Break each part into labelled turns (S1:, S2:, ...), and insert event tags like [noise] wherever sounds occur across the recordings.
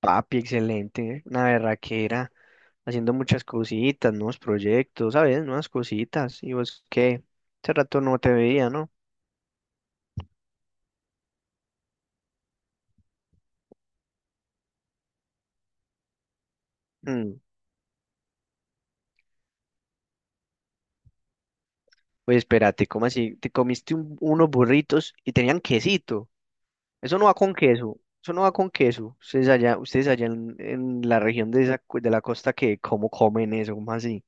S1: Papi, excelente, ¿eh? Una berraquera, haciendo muchas cositas, nuevos proyectos, ¿sabes? Nuevas cositas. ¿Y vos qué? Hace rato no te veía, ¿no? Mm. Pues espérate, ¿cómo así? Te comiste unos burritos y tenían quesito. Eso no va con queso, eso no va con queso. Ustedes allá en la región de, esa, de la costa, que ¿cómo comen eso? ¿Cómo así?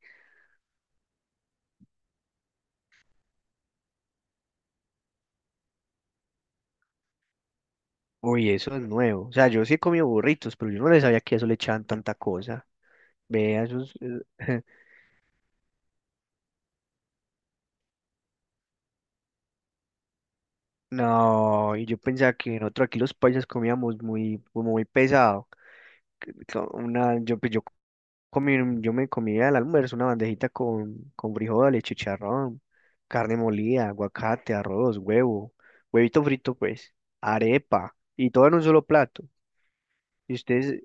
S1: Uy, eso es nuevo. O sea, yo sí he comido burritos, pero yo no les sabía que eso le echaban tanta cosa. Vea, eso es... [laughs] No, y yo pensaba que nosotros aquí los paisas comíamos muy, como muy pesado. Una, yo, pues, yo comí, yo me comía al almuerzo una bandejita con frijoles, chicharrón, carne molida, aguacate, arroz, huevo, huevito frito, pues, arepa, y todo en un solo plato. Y ustedes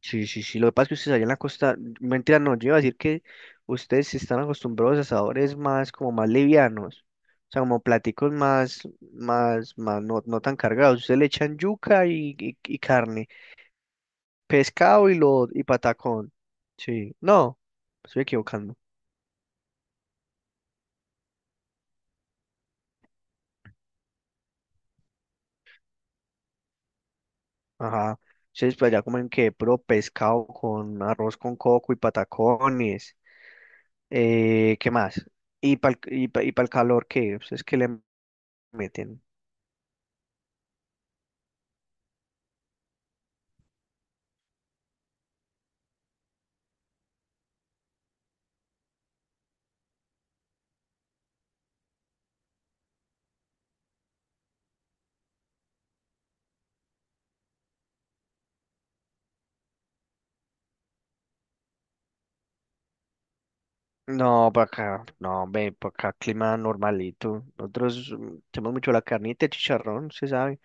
S1: sí, sí, sí. Lo que pasa es que ustedes allá en la costa, mentira, no, yo iba a decir que ustedes sí están acostumbrados a sabores más, como más livianos, o sea, como platicos más, más, no, no tan cargados. Ustedes le echan yuca y carne, pescado y lo, y patacón. Sí, no, me estoy equivocando. Ajá. Ustedes pues allá comen que puro pescado con arroz con coco y patacones. ¿Qué más? Y el calor, ¿qué? ¿Ustedes qué le meten? No, para acá, no, ve, para acá clima normalito. Nosotros tenemos mucho la carnita, el chicharrón, se sabe.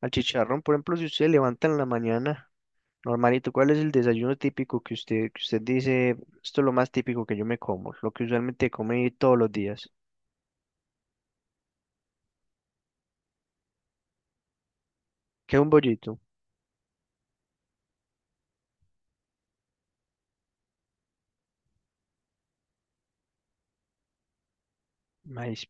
S1: Al chicharrón, por ejemplo, si usted se levanta en la mañana, normalito, ¿cuál es el desayuno típico que usted dice, esto es lo más típico que yo me como, lo que usualmente come todos los días? ¿Qué es un bollito? Maíz.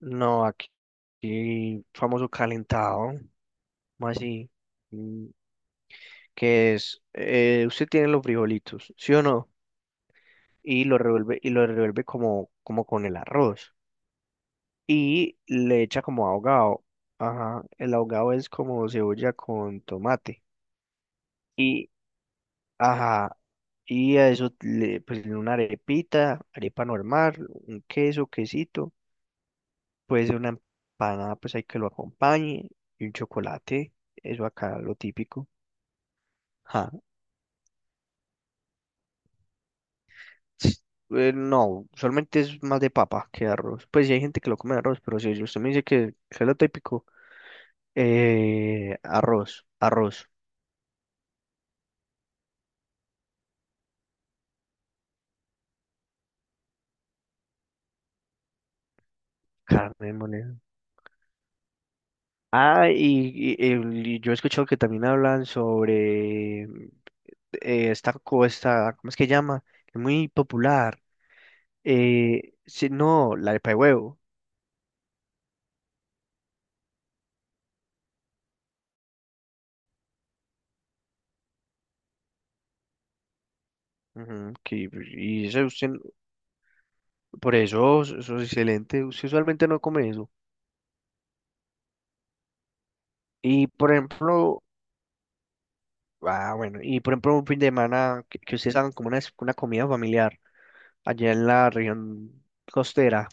S1: No, aquí, aquí famoso calentado, más así, mm, que es, usted tiene los frijolitos, ¿sí o no? Y lo revuelve como, como con el arroz, y le echa como ahogado. Ajá, el ahogado es como cebolla con tomate. Y, ajá, y a eso le pues en una arepita, arepa normal, un queso, quesito, pues una empanada, pues hay que lo acompañe, y un chocolate, eso acá lo típico. Ajá. s- no, solamente es más de papa que de arroz. Pues sí hay gente que lo come de arroz, pero si usted me dice que es lo típico, arroz, arroz, carne molida. Ah, y yo he escuchado que también hablan sobre esta costa, ¿cómo es que llama? Es muy popular. Sí, no, la de pa' huevo. Ujú, que, y eso usted, por eso, eso es excelente. Usted usualmente no come eso. Y por ejemplo, ah, bueno, y por ejemplo, un fin de semana que ustedes hagan como una comida familiar allá en la región costera.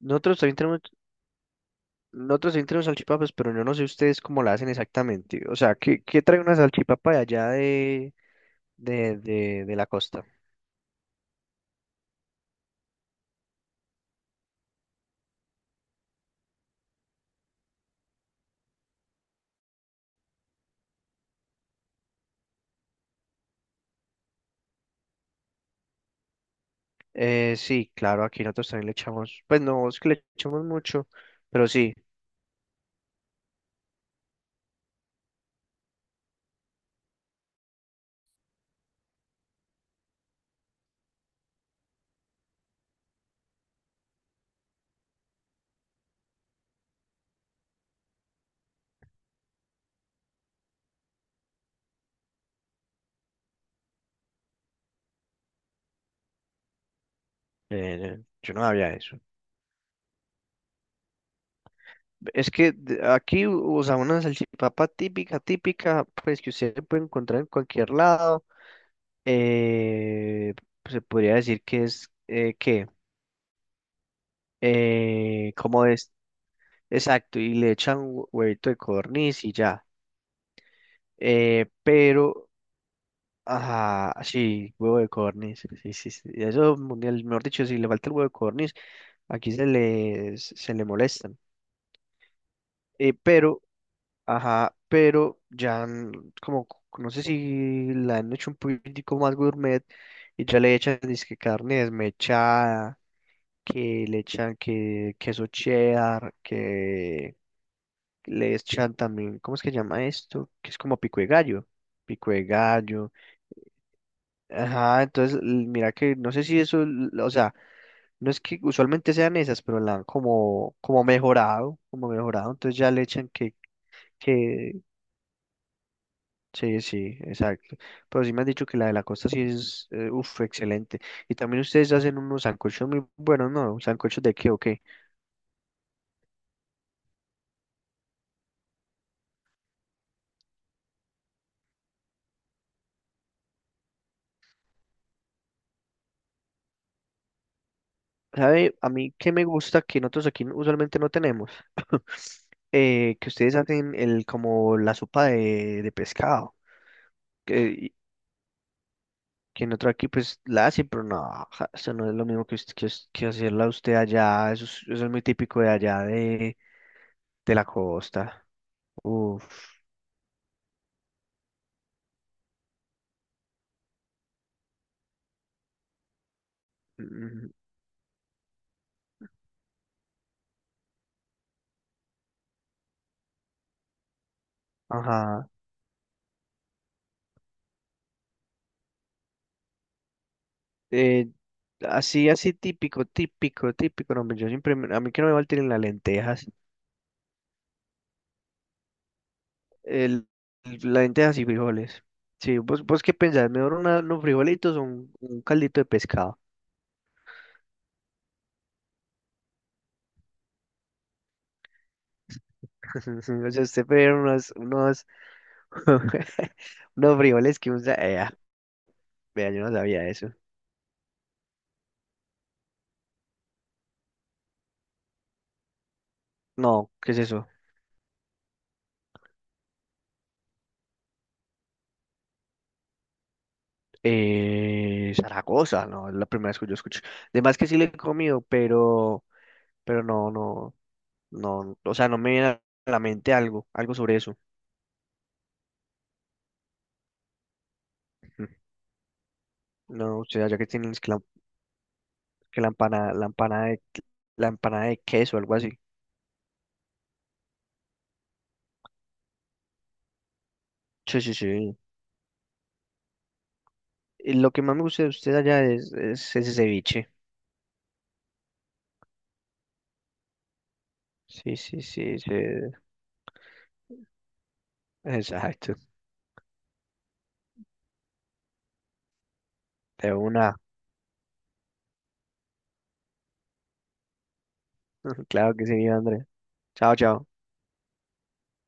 S1: Nosotros también tenemos, nosotros sí tenemos salchipapas, pero yo no sé ustedes cómo la hacen exactamente. O sea, ¿qué, qué trae una salchipapa de allá de la costa? Sí, claro, aquí nosotros también le echamos, pues no es que le echamos mucho, pero sí, yo no había eso. Es que aquí, o sea, una salchipapa típica, típica, pues que usted puede encontrar en cualquier lado, eh, pues se podría decir que es, ¿qué? ¿Cómo es? Exacto, y le echan huevito de codorniz y ya. Pero, ah, sí, huevo de codorniz. Sí, sí, sí. Eso, mundial, mejor dicho, si le falta el huevo de codorniz, aquí se le molestan. Pero, ajá, pero ya, como, no sé si la han hecho un poquitico más gourmet y ya le echan, dizque carne desmechada, que le echan que queso cheddar, que le echan también, ¿cómo es que llama esto? Que es como pico de gallo, pico de gallo. Ajá, entonces mira que no sé si eso, o sea, no es que usualmente sean esas, pero la han como, como mejorado, entonces ya le echan que, sí, sí, exacto. Pero sí me han dicho que la de la costa sí es, uf, excelente. Y también ustedes hacen unos sancochos muy buenos, ¿no? ¿Sancochos de qué o qué? ¿Sabe? A mí que me gusta que nosotros aquí usualmente no tenemos, [laughs] que ustedes hacen el como la sopa de pescado, que, que nosotros aquí pues la hacen, pero no, ja, eso no es lo mismo que hacerla usted allá, eso es muy típico de allá de la costa. Uf, mm, ajá. Eh, Así, así típico, típico, típico, no, hombre, yo siempre, a mí que no me falten las lentejas. El, lentejas y frijoles. Sí, vos, vos qué pensás, mejor unos frijolitos o un caldito de pescado. [laughs] O sea, usted puede unos, unos, [laughs] unos frijoles que usa. Ah, vea, yo no sabía eso. No, ¿qué es eso? Zaragoza, no, es la primera vez que yo escucho. Además que sí le he comido, pero no, no, no, o sea, no me viene a la mente algo, algo sobre eso. Ujú. No, o sea, ya que tienen es que la empanada de queso, algo así. Sí, sí, sí. Y lo que más me gusta de usted allá es ese ceviche. Sí, sí, sí, sí. Exacto. De una. [laughs] Claro que sí, Andrés. Chao, chao.